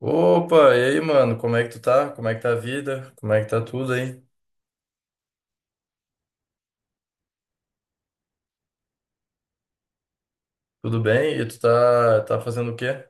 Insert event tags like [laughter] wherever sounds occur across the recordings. Opa, e aí, mano, como é que tu tá? Como é que tá a vida? Como é que tá tudo aí? Tudo bem? E tu tá fazendo o quê?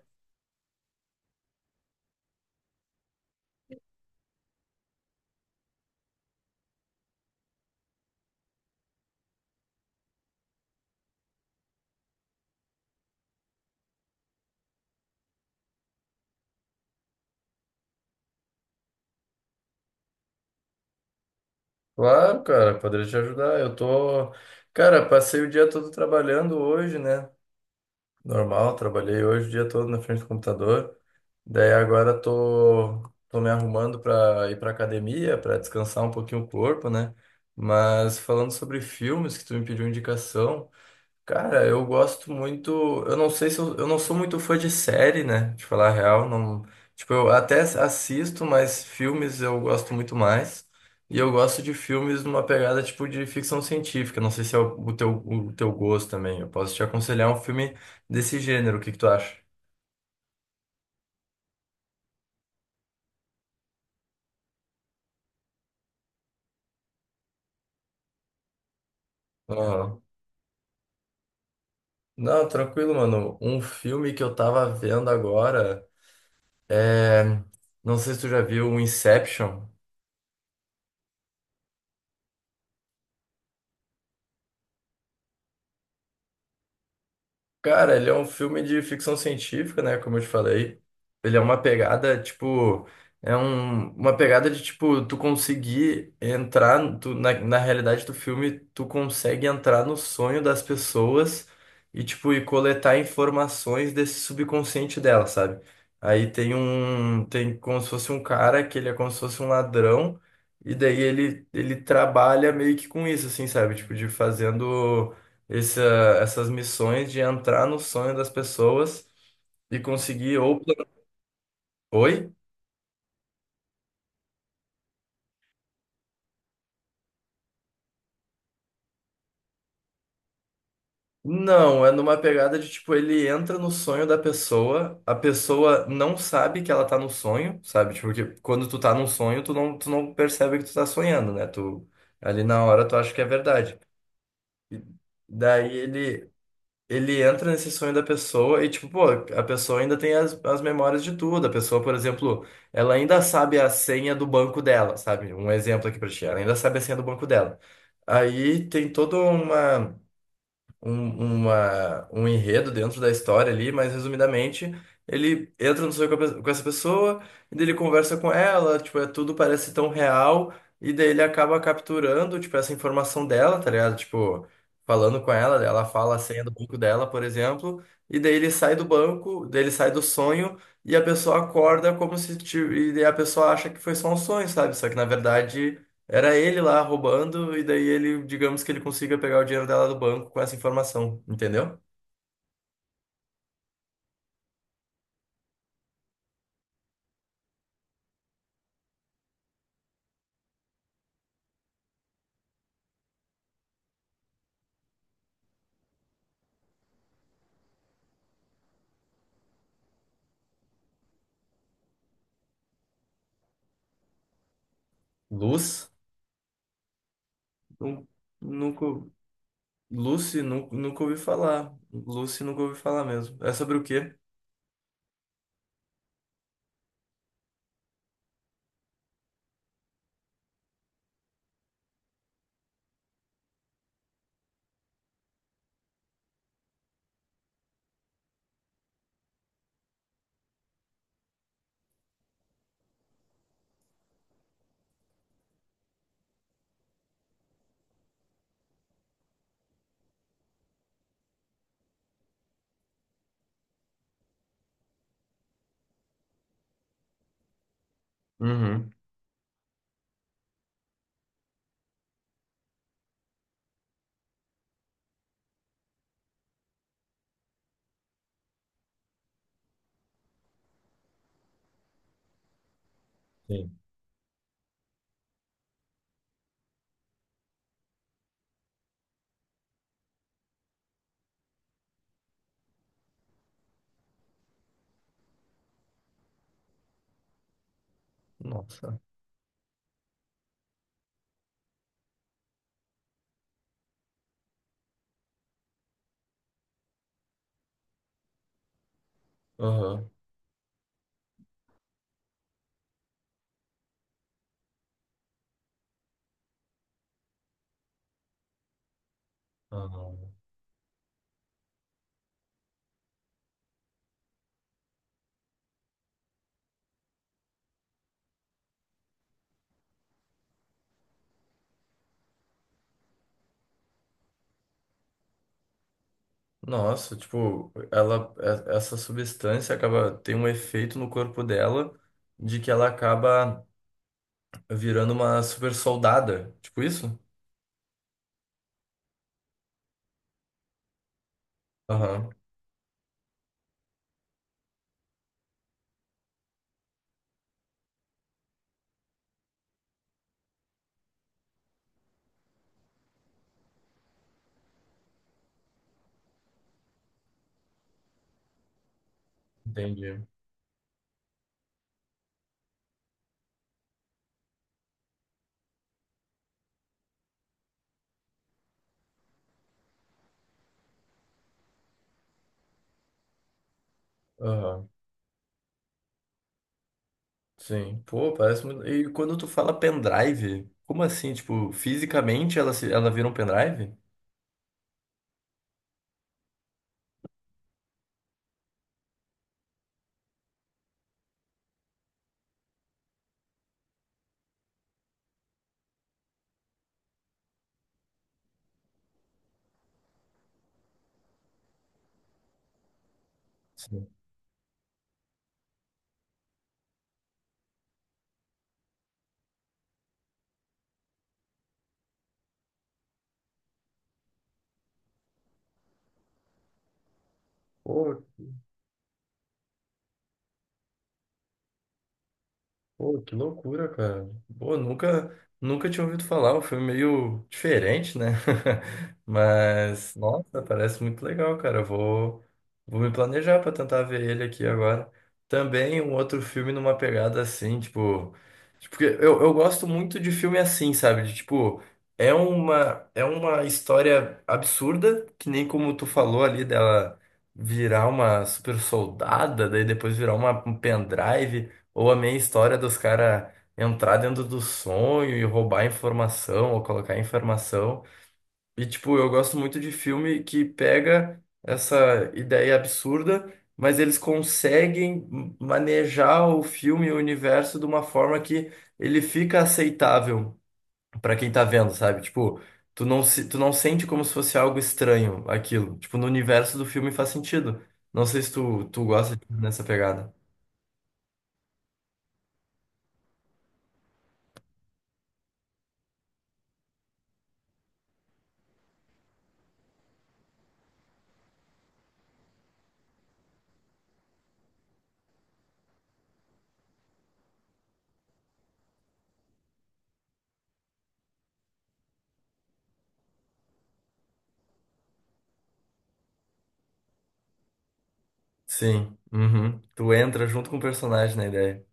Claro, cara, poderia te ajudar. Eu tô. Cara, passei o dia todo trabalhando hoje, né? Normal, trabalhei hoje o dia todo na frente do computador. Daí agora tô me arrumando pra ir pra academia, pra descansar um pouquinho o corpo, né? Mas falando sobre filmes que tu me pediu indicação. Cara, eu gosto muito. Eu não sei se eu não sou muito fã de série, né? De falar a real, não. Tipo, eu até assisto, mas filmes eu gosto muito mais. E eu gosto de filmes numa pegada tipo de ficção científica. Não sei se é o teu, o teu gosto também. Eu posso te aconselhar um filme desse gênero. O que que tu acha? Aham. Não, tranquilo, mano. Um filme que eu tava vendo agora é. Não sei se tu já viu o Inception. Cara, ele é um filme de ficção científica, né? Como eu te falei. Ele é uma pegada, tipo. É um, uma pegada de, tipo, tu conseguir entrar. Tu, na realidade do filme, tu consegue entrar no sonho das pessoas e, tipo, e coletar informações desse subconsciente dela, sabe? Aí tem um. Tem como se fosse um cara que ele é como se fosse um ladrão. E daí ele trabalha meio que com isso, assim, sabe? Tipo, de fazendo essa, essas missões de entrar no sonho das pessoas e conseguir ou... Oi? Não, é numa pegada de tipo, ele entra no sonho da pessoa, a pessoa não sabe que ela tá no sonho, sabe? Tipo, porque quando tu tá num sonho, tu não percebe que tu tá sonhando, né? Tu ali na hora tu acha que é verdade. E daí ele entra nesse sonho da pessoa e, tipo, pô, a pessoa ainda tem as, as memórias de tudo. A pessoa, por exemplo, ela ainda sabe a senha do banco dela, sabe? Um exemplo aqui pra ti. Ela ainda sabe a senha do banco dela. Aí tem toda um enredo dentro da história ali, mas resumidamente, ele entra no sonho com, com essa pessoa, e daí ele conversa com ela, tipo, é, tudo parece tão real, e daí ele acaba capturando, tipo, essa informação dela, tá ligado? Tipo, falando com ela, ela fala a senha do banco dela, por exemplo, e daí ele sai do banco, daí ele sai do sonho, e a pessoa acorda como se, ti- e daí a pessoa acha que foi só um sonho, sabe? Só que na verdade era ele lá roubando, e daí ele, digamos que ele consiga pegar o dinheiro dela do banco com essa informação, entendeu? Luz, nu- nunca. Lucy, nunca ouvi falar. Lucy, nunca ouvi falar mesmo. É sobre o quê? Uhum. Sim. Nossa. Aham. Aham. Nossa, tipo, essa substância acaba, tem um efeito no corpo dela de que ela acaba virando uma super soldada. Tipo isso? Aham. Entendi. Aham. Sim, pô, parece muito. E quando tu fala pendrive, como assim? Tipo, fisicamente ela, se... ela vira um pendrive? Sim. Pô, Pô, que loucura, cara. Pô, nunca, nunca tinha ouvido falar, um filme meio diferente, né? [laughs] Mas, nossa, parece muito legal, cara. Vou me planejar pra tentar ver ele aqui agora. Também um outro filme numa pegada assim, tipo, porque eu gosto muito de filme assim, sabe? De, tipo, é uma história absurda, que nem como tu falou ali dela virar uma super soldada, daí depois virar uma, um pendrive. Ou a meia história dos caras entrar dentro do sonho e roubar informação ou colocar informação. E, tipo, eu gosto muito de filme que pega essa ideia absurda, mas eles conseguem manejar o filme e o universo de uma forma que ele fica aceitável para quem tá vendo, sabe? Tipo, tu não sente como se fosse algo estranho aquilo. Tipo, no universo do filme faz sentido. Não sei se tu gosta nessa pegada. Sim. Uhum. Tu entra junto com o personagem na ideia.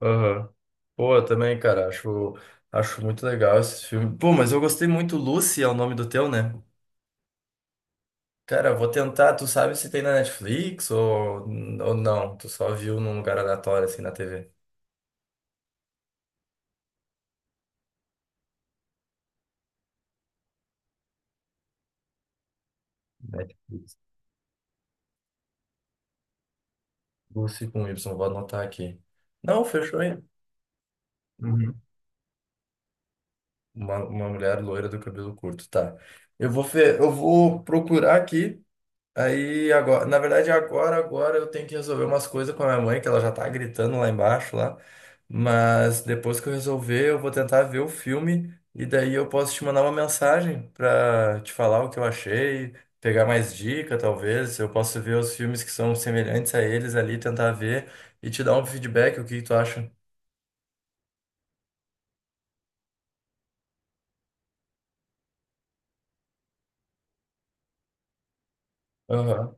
Aham. Pô, eu também, cara, acho muito legal esse filme. Pô, mas eu gostei muito. Lucy é o nome do teu, né? Cara, eu vou tentar. Tu sabe se tem na Netflix ou não? Tu só viu num lugar aleatório, assim, na TV. Net- Lucy com Y, vou anotar aqui. Não, fechou aí. Uhum. Uma mulher loira do cabelo curto, tá. Eu vou procurar aqui. Aí agora, agora eu tenho que resolver umas coisas com a minha mãe, que ela já tá gritando lá embaixo lá. Mas depois que eu resolver, eu vou tentar ver o filme e daí eu posso te mandar uma mensagem pra te falar o que eu achei, pegar mais dica, talvez. Eu posso ver os filmes que são semelhantes a eles ali, tentar ver e te dar um feedback, o que tu acha? Aham.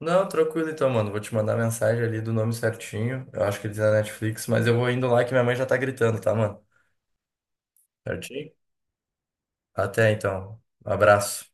Não, tranquilo então, mano. Vou te mandar a mensagem ali do nome certinho. Eu acho que ele tá na Netflix, mas eu vou indo lá que minha mãe já tá gritando, tá, mano? Certinho? Até então. Um abraço.